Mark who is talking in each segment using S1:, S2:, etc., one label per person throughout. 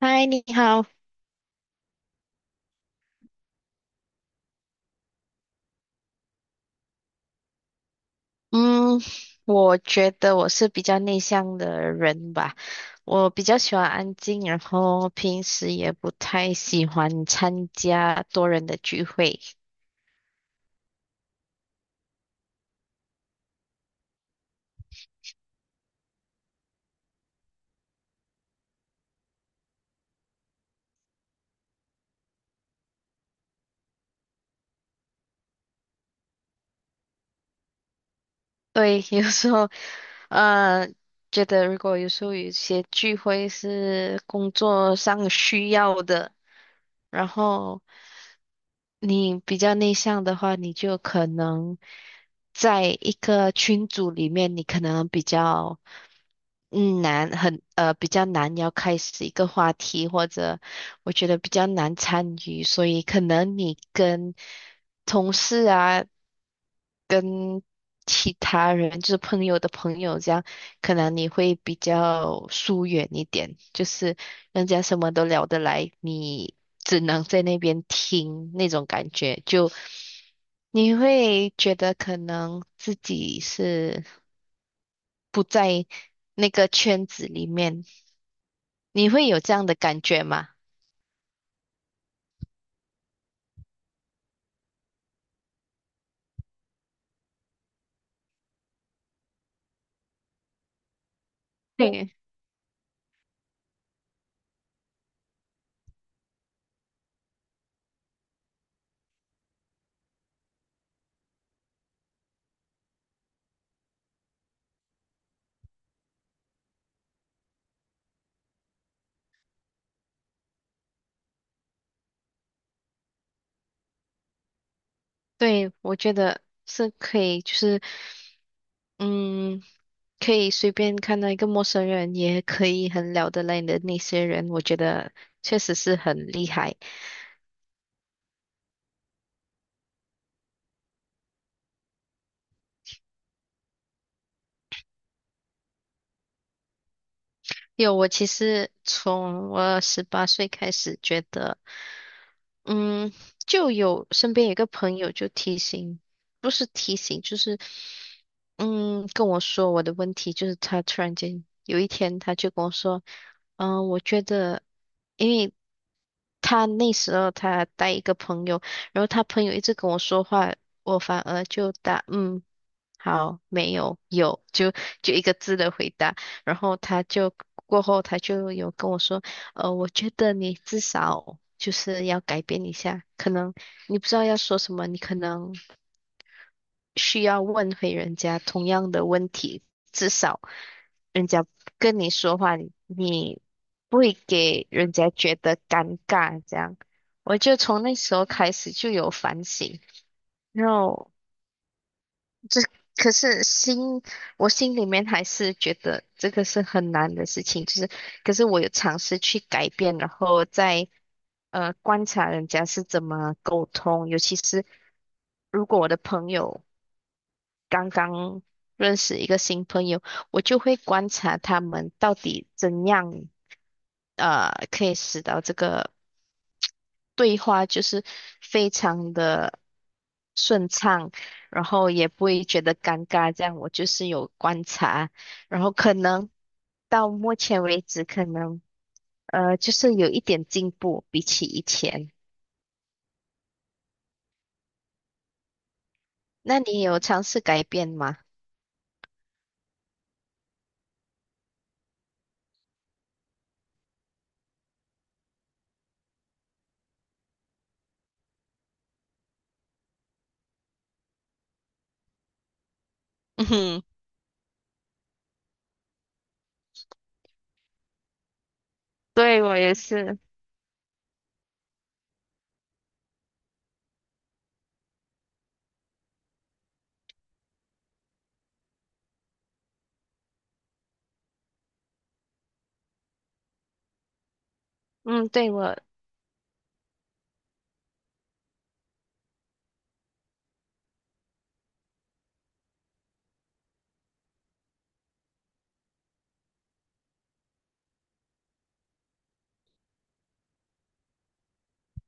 S1: 嗨，你好。嗯，我觉得我是比较内向的人吧，我比较喜欢安静，然后平时也不太喜欢参加多人的聚会。对，有时候呃，觉得如果有时候有一些聚会是工作上需要的，然后你比较内向的话，你就可能在一个群组里面，你可能比较。比较难，要开始一个话题，或者我觉得比较难参与，所以可能你跟同事啊，跟其他人，就是朋友的朋友这样，可能你会比较疏远一点，就是人家什么都聊得来，你只能在那边听那种感觉，就你会觉得可能自己是不在那个圈子里面。你会有这样的感觉吗？对对，我觉得是可以，就是嗯，可以随便看到一个陌生人，也可以很聊得来的那些人，我觉得确实是很厉害。有，我其实从我十八岁开始觉得。嗯，就有身边有个朋友就提醒，不是提醒，就是跟我说我的问题，就是他突然间有一天他就跟我说，嗯，我觉得因为他那时候他带一个朋友，然后他朋友一直跟我说话，我反而就答嗯。好，没有，有，就一个字的回答。然后他就有跟我说。我觉得你至少就是要改变一下，可能你不知道要说什么，你可能需要问回人家同样的问题，至少人家跟你说话，你不会给人家觉得尴尬，这样。我就从那时候开始就有反省，然后可是心，我心里面还是觉得这个是很难的事情，就是，可是我有尝试去改变，然后再观察人家是怎么沟通，尤其是如果我的朋友刚刚认识一个新朋友，我就会观察他们到底怎样可以使到这个。对话就是非常的顺畅，然后也不会觉得尴尬。这样我就是有观察，然后可能到目前为止，可能就是有一点进步，比起以前。那你有尝试改变吗？嗯哼，对，我也是。嗯，对，我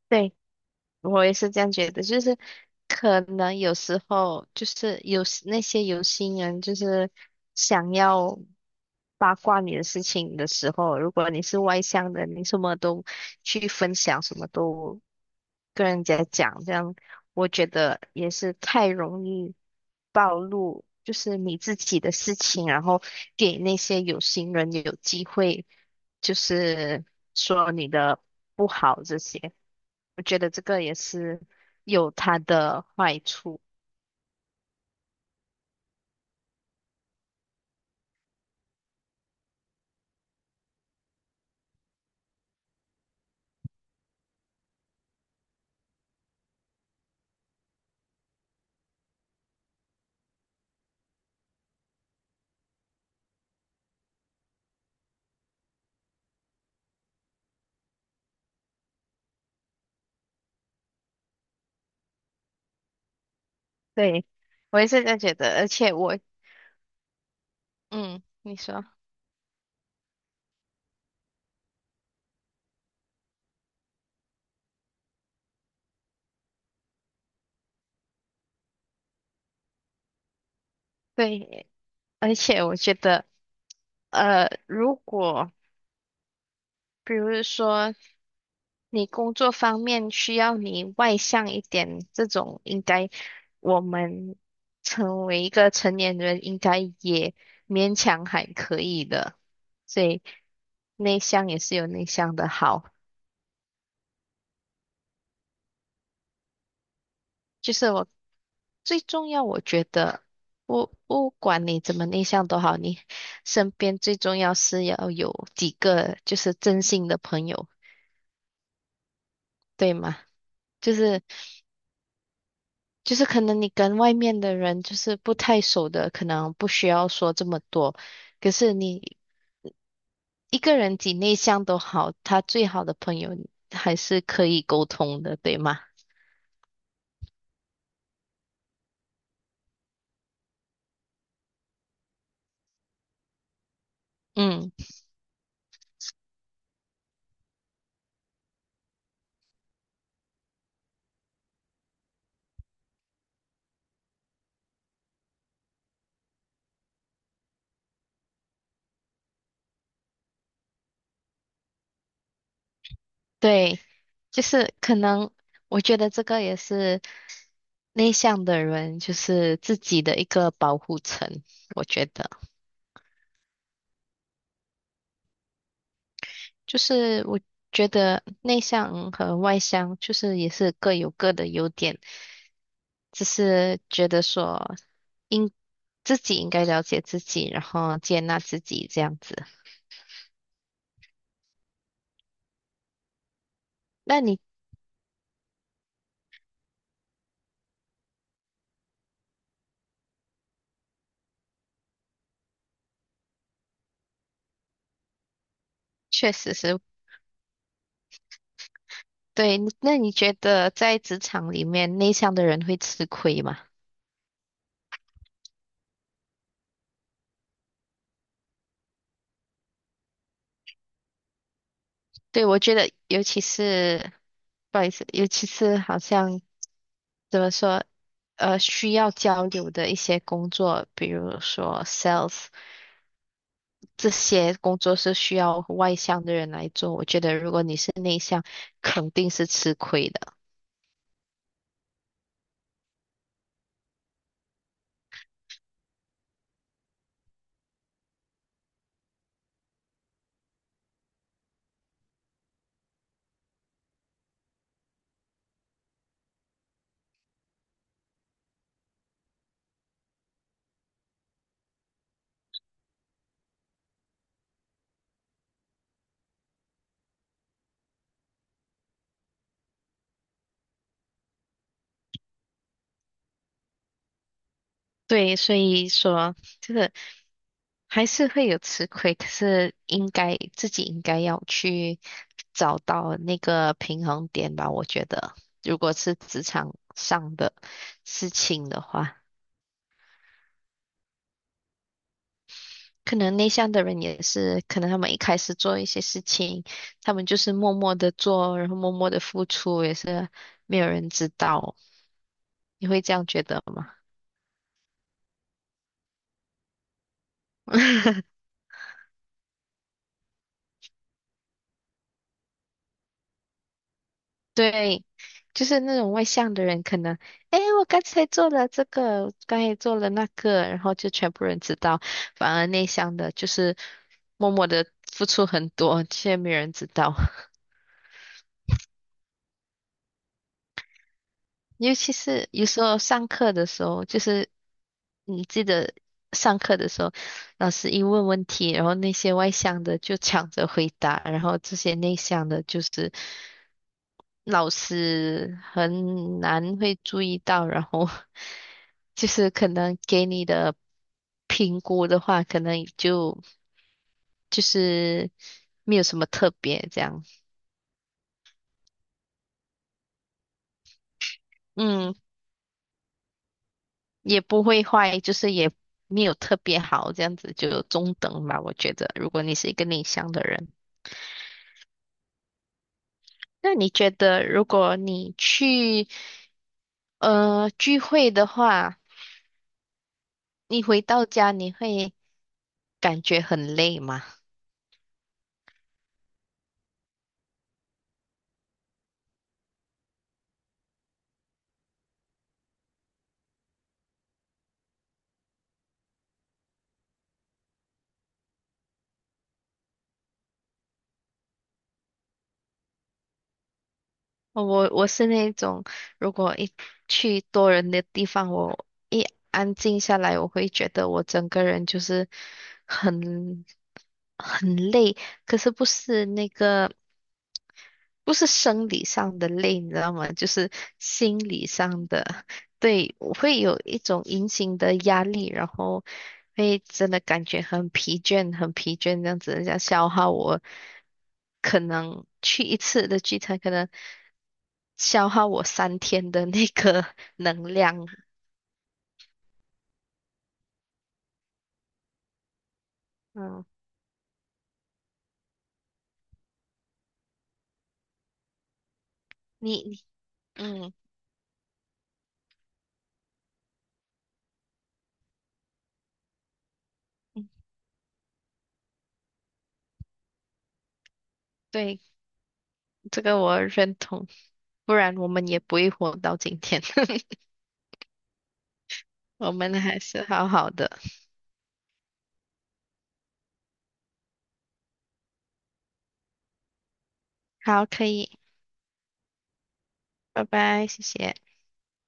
S1: 对。我也是这样觉得，就是可能有时候就是有那些有心人，就是想要八卦你的事情的时候，如果你是外向的，你什么都去分享，什么都跟人家讲，这样我觉得也是太容易暴露，就是你自己的事情，然后给那些有心人有机会，就是说你的不好这些。我觉得这个也是有它的坏处。对，我也是这样觉得，而且我，嗯，你说，对，而且我觉得，如果比如说你工作方面需要你外向一点，这种应该我们成为一个成年人，应该也勉强还可以的，所以内向也是有内向的好。就是我最重要，我觉得不管你怎么内向都好，你身边最重要是要有几个就是真心的朋友，对吗？就是就是可能你跟外面的人就是不太熟的，可能不需要说这么多。可是你一个人几内向都好，他最好的朋友还是可以沟通的，对吗？嗯，对，就是可能我觉得这个也是。内向的人就是自己的一个保护层，我觉得，就是我觉得内向和外向就是也是各有各的优点，只是觉得说应自己应该了解自己，然后接纳自己这样子。那你确实是对，那你觉得在职场里面内向的人会吃亏吗？对，我觉得尤其是，不好意思，尤其是好像。怎么说，需要交流的一些工作，比如说 sales 这些工作是需要外向的人来做。我觉得如果你是内向，肯定是吃亏的。对，所以说这个还是会有吃亏，可是应该自己应该要去找到那个平衡点吧。我觉得，如果是职场上的事情的话。可能内向的人也是，可能他们一开始做一些事情，他们就是默默的做，然后默默的付出，也是没有人知道。你会这样觉得吗？对，就是那种外向的人，可能，哎，我刚才做了这个，我刚才做了那个，然后就全部人知道。反而内向的，就是默默的付出很多，却没有人知道。尤其是有时候上课的时候，就是你记得上课的时候，老师一问问题，然后那些外向的就抢着回答，然后这些内向的，就是老师很难会注意到，然后 就是可能给你的评估的话，可能就是没有什么特别这样。嗯，也不会坏，就是也没有特别好，这样子就中等吧。我觉得，如果你是一个内向的人，那你觉得如果你去聚会的话，你回到家你会感觉很累吗？我是那种，如果一去多人的地方，我一安静下来，我会觉得我整个人就是很很累。可是不是那个。不是生理上的累，你知道吗？就是心理上的，对，我会有一种隐形的压力，然后会真的感觉很疲倦，很疲倦，这样子，人家消耗我，可能去一次的聚餐，可能消耗我三天的那个 能量。嗯，你嗯，对，这个我认同，不然我们也不会活到今天，我们还是好好的。好，可以，拜拜，谢谢。